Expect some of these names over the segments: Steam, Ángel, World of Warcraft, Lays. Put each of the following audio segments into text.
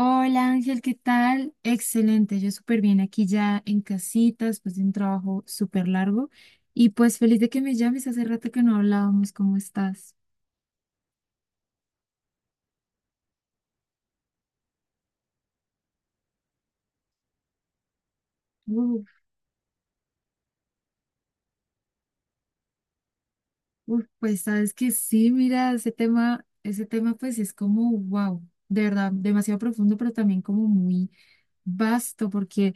Hola Ángel, ¿qué tal? Excelente, yo súper bien aquí ya en casita, después de un trabajo súper largo. Y pues feliz de que me llames, hace rato que no hablábamos, ¿cómo estás? Uf, uf, pues sabes que sí, mira, ese tema pues es como, wow, de verdad, demasiado profundo, pero también como muy vasto, porque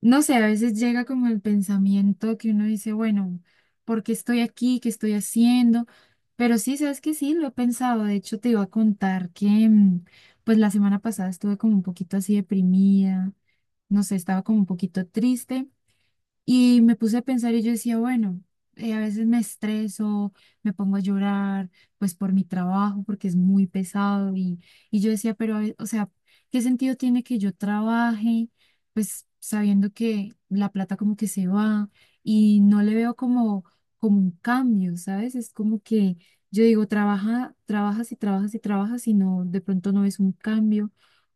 no sé, a veces llega como el pensamiento que uno dice, bueno, ¿por qué estoy aquí? ¿Qué estoy haciendo? Pero sí, sabes que sí, lo he pensado. De hecho, te iba a contar que, pues la semana pasada estuve como un poquito así deprimida, no sé, estaba como un poquito triste. Y me puse a pensar y yo decía, bueno, a veces me estreso, me pongo a llorar, pues por mi trabajo, porque es muy pesado. Y yo decía, pero, o sea, ¿qué sentido tiene que yo trabaje? Pues sabiendo que la plata como que se va y no le veo como, como un cambio, ¿sabes? Es como que yo digo, trabaja, trabajas y trabajas y trabajas y no, de pronto no ves un cambio.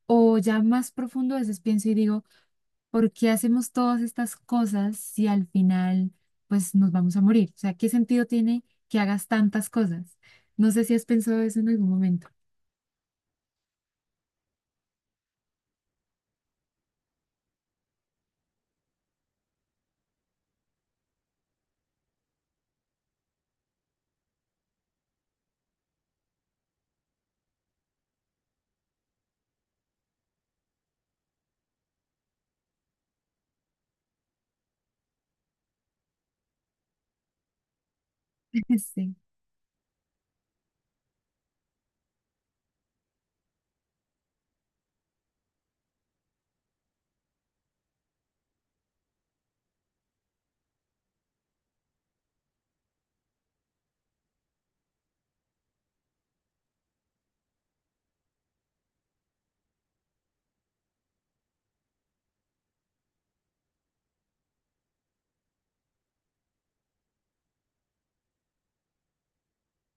O ya más profundo a veces pienso y digo, ¿por qué hacemos todas estas cosas si al final pues nos vamos a morir? O sea, ¿qué sentido tiene que hagas tantas cosas? No sé si has pensado eso en algún momento. Sí.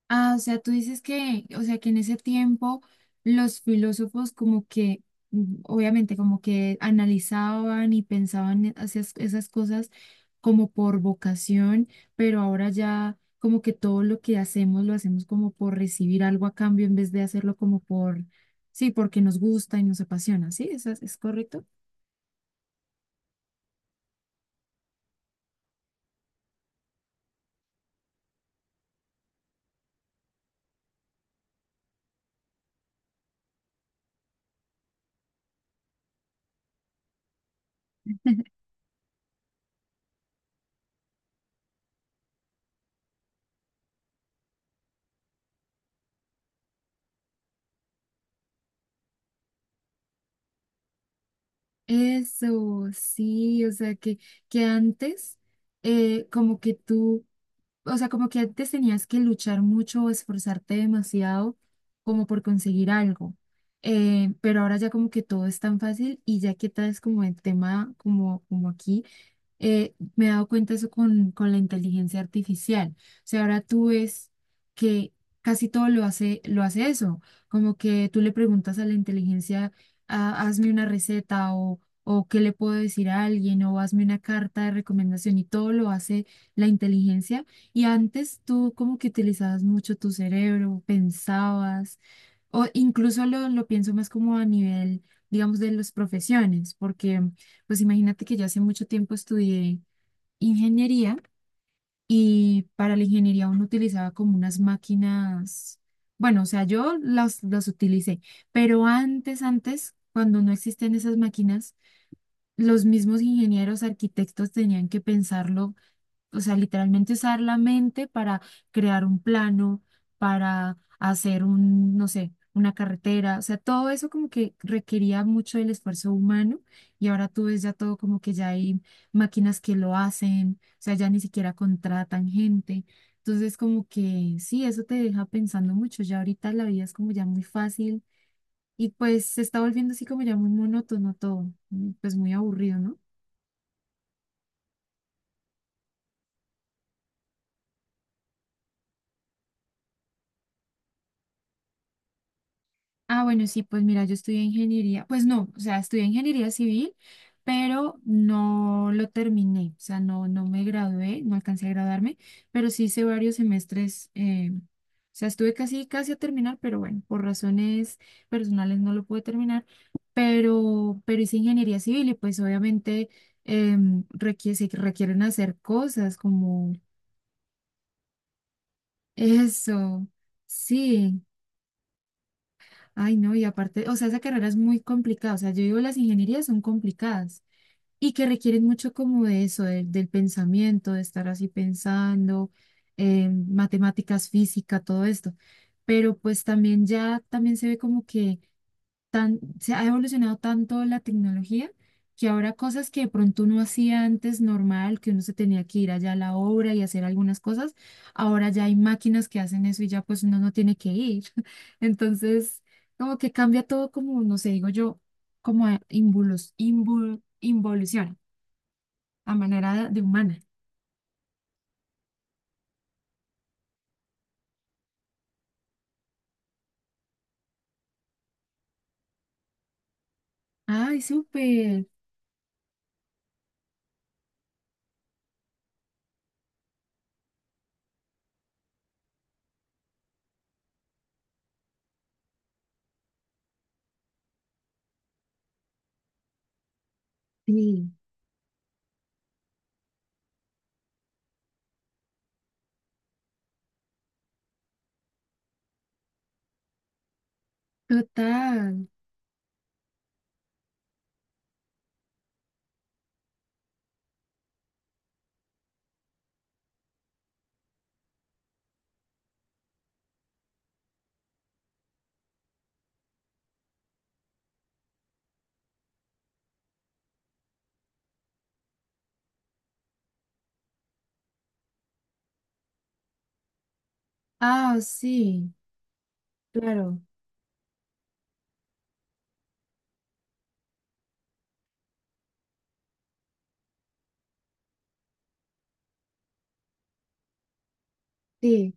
Ah, o sea, tú dices que, o sea, que en ese tiempo los filósofos como que, obviamente, como que analizaban y pensaban esas cosas como por vocación, pero ahora ya como que todo lo que hacemos lo hacemos como por recibir algo a cambio en vez de hacerlo como por, sí, porque nos gusta y nos apasiona, ¿sí? ¿Eso es correcto? Eso, sí, o sea, que antes como que tú o sea, como que antes tenías que luchar mucho o esforzarte demasiado como por conseguir algo. Pero ahora ya como que todo es tan fácil y ya que tal es como el tema como, como aquí me he dado cuenta eso con la inteligencia artificial. O sea, ahora tú ves que casi todo lo hace eso. Como que tú le preguntas a la inteligencia, "Ah, hazme una receta o qué le puedo decir a alguien o hazme una carta de recomendación y todo lo hace la inteligencia". Y antes tú como que utilizabas mucho tu cerebro, pensabas o incluso lo pienso más como a nivel, digamos, de las profesiones, porque pues imagínate que yo hace mucho tiempo estudié ingeniería y para la ingeniería uno utilizaba como unas máquinas, bueno, o sea, yo las utilicé, pero antes, cuando no existían esas máquinas, los mismos ingenieros, arquitectos tenían que pensarlo o sea, literalmente usar la mente para crear un plano, para hacer un, no sé, una carretera, o sea, todo eso como que requería mucho del esfuerzo humano y ahora tú ves ya todo como que ya hay máquinas que lo hacen, o sea, ya ni siquiera contratan gente. Entonces, como que sí, eso te deja pensando mucho, ya ahorita la vida es como ya muy fácil y pues se está volviendo así como ya muy monótono todo, pues muy aburrido, ¿no? Ah, bueno, sí, pues mira, yo estudié ingeniería, pues no, o sea, estudié ingeniería civil, pero no lo terminé, o sea, no, no me gradué, no alcancé a graduarme, pero sí hice varios semestres, o sea, estuve casi a terminar, pero bueno, por razones personales no lo pude terminar, pero hice ingeniería civil y pues obviamente requiere, se requieren hacer cosas como eso, sí. Ay, no, y aparte, o sea, esa carrera es muy complicada, o sea, yo digo, las ingenierías son complicadas y que requieren mucho como de eso, del pensamiento, de estar así pensando, matemáticas, física, todo esto. Pero pues también ya, también se ve como que tan, se ha evolucionado tanto la tecnología que ahora cosas que de pronto uno hacía antes normal, que uno se tenía que ir allá a la obra y hacer algunas cosas, ahora ya hay máquinas que hacen eso y ya pues uno no tiene que ir. Entonces, como que cambia todo como, no sé, digo yo, como involución, a manera de humana. Ay, súper. Sí, total. Ah, sí, claro. Sí.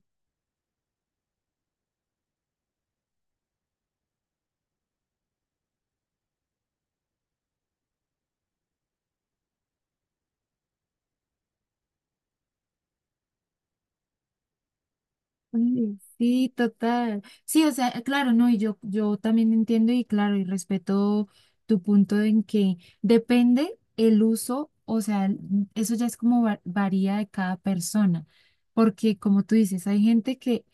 Oye, sí, total. Sí, o sea, claro, no, y yo también entiendo y claro, y respeto tu punto en que depende el uso, o sea, eso ya es como varía de cada persona, porque como tú dices, hay gente que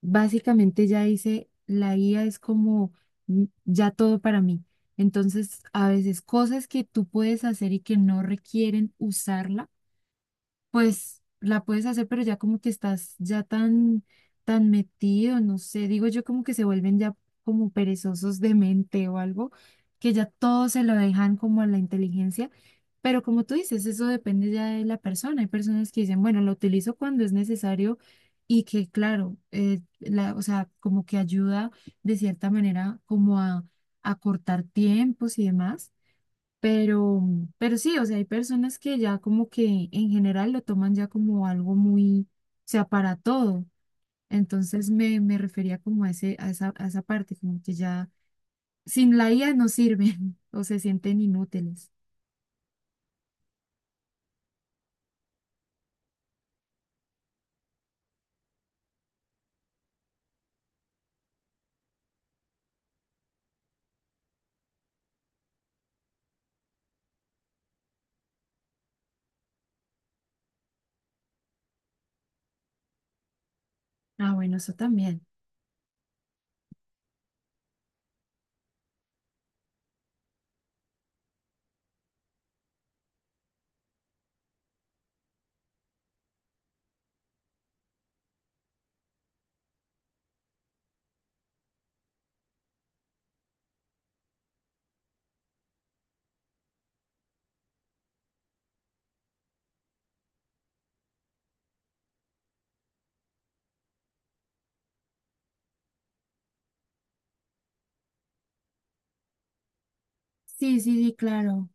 básicamente ya dice, la IA es como ya todo para mí. Entonces, a veces cosas que tú puedes hacer y que no requieren usarla pues la puedes hacer, pero ya como que estás ya tan, tan metido, no sé, digo yo como que se vuelven ya como perezosos de mente o algo, que ya todo se lo dejan como a la inteligencia, pero como tú dices, eso depende ya de la persona, hay personas que dicen, bueno, lo utilizo cuando es necesario y que claro, la, o sea, como que ayuda de cierta manera como a cortar tiempos y demás pero, pero sí, o sea, hay personas que ya como que en general lo toman ya como algo muy, o sea, para todo. Entonces me refería como a ese, a esa parte, como que ya sin la IA no sirven o se sienten inútiles. Ah, bueno, eso también. Sí, sí, sí, claro.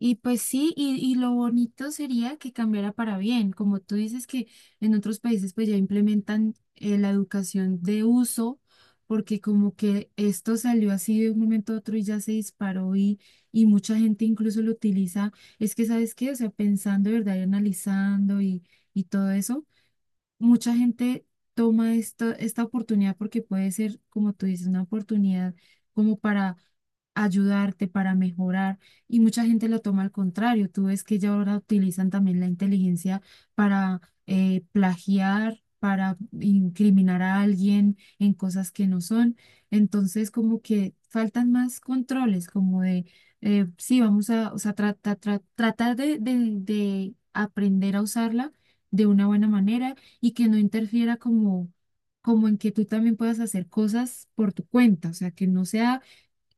Y pues sí, y lo bonito sería que cambiara para bien, como tú dices que en otros países pues ya implementan la educación de uso, porque como que esto salió así de un momento a otro y ya se disparó y mucha gente incluso lo utiliza. Es que, ¿sabes qué? O sea, pensando, ¿verdad? Y analizando y todo eso, mucha gente toma esta oportunidad porque puede ser, como tú dices, una oportunidad como para ayudarte, para mejorar, y mucha gente lo toma al contrario. Tú ves que ya ahora utilizan también la inteligencia para plagiar, para incriminar a alguien en cosas que no son. Entonces, como que faltan más controles, como de, sí, vamos a, o sea, tratar de aprender a usarla de una buena manera y que no interfiera como, como en que tú también puedas hacer cosas por tu cuenta, o sea, que no sea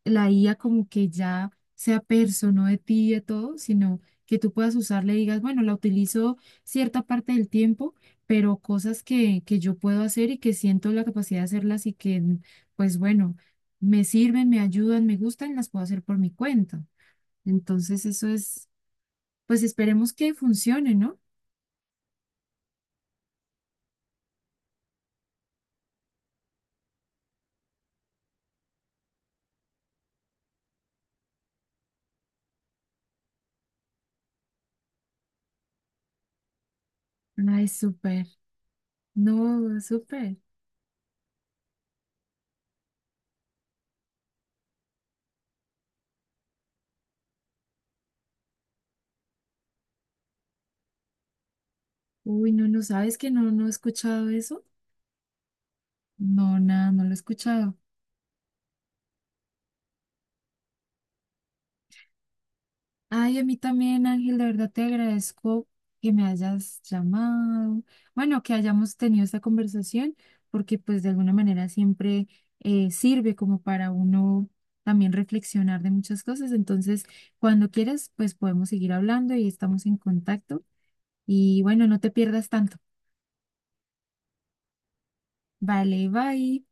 la IA como que ya sea persona de ti y de todo, sino que tú puedas usarla y digas, bueno, la utilizo cierta parte del tiempo, pero cosas que yo puedo hacer y que siento la capacidad de hacerlas y que, pues bueno, me sirven, me ayudan, me gustan, las puedo hacer por mi cuenta. Entonces, eso es, pues esperemos que funcione, ¿no? Ay, súper. No, súper. Uy, no, no sabes que no, no he escuchado eso. No, nada, no lo he escuchado. Ay, a mí también, Ángel, de verdad te agradezco que me hayas llamado. Bueno, que hayamos tenido esta conversación, porque pues de alguna manera siempre sirve como para uno también reflexionar de muchas cosas. Entonces, cuando quieras, pues podemos seguir hablando y estamos en contacto. Y bueno, no te pierdas tanto. Vale, bye.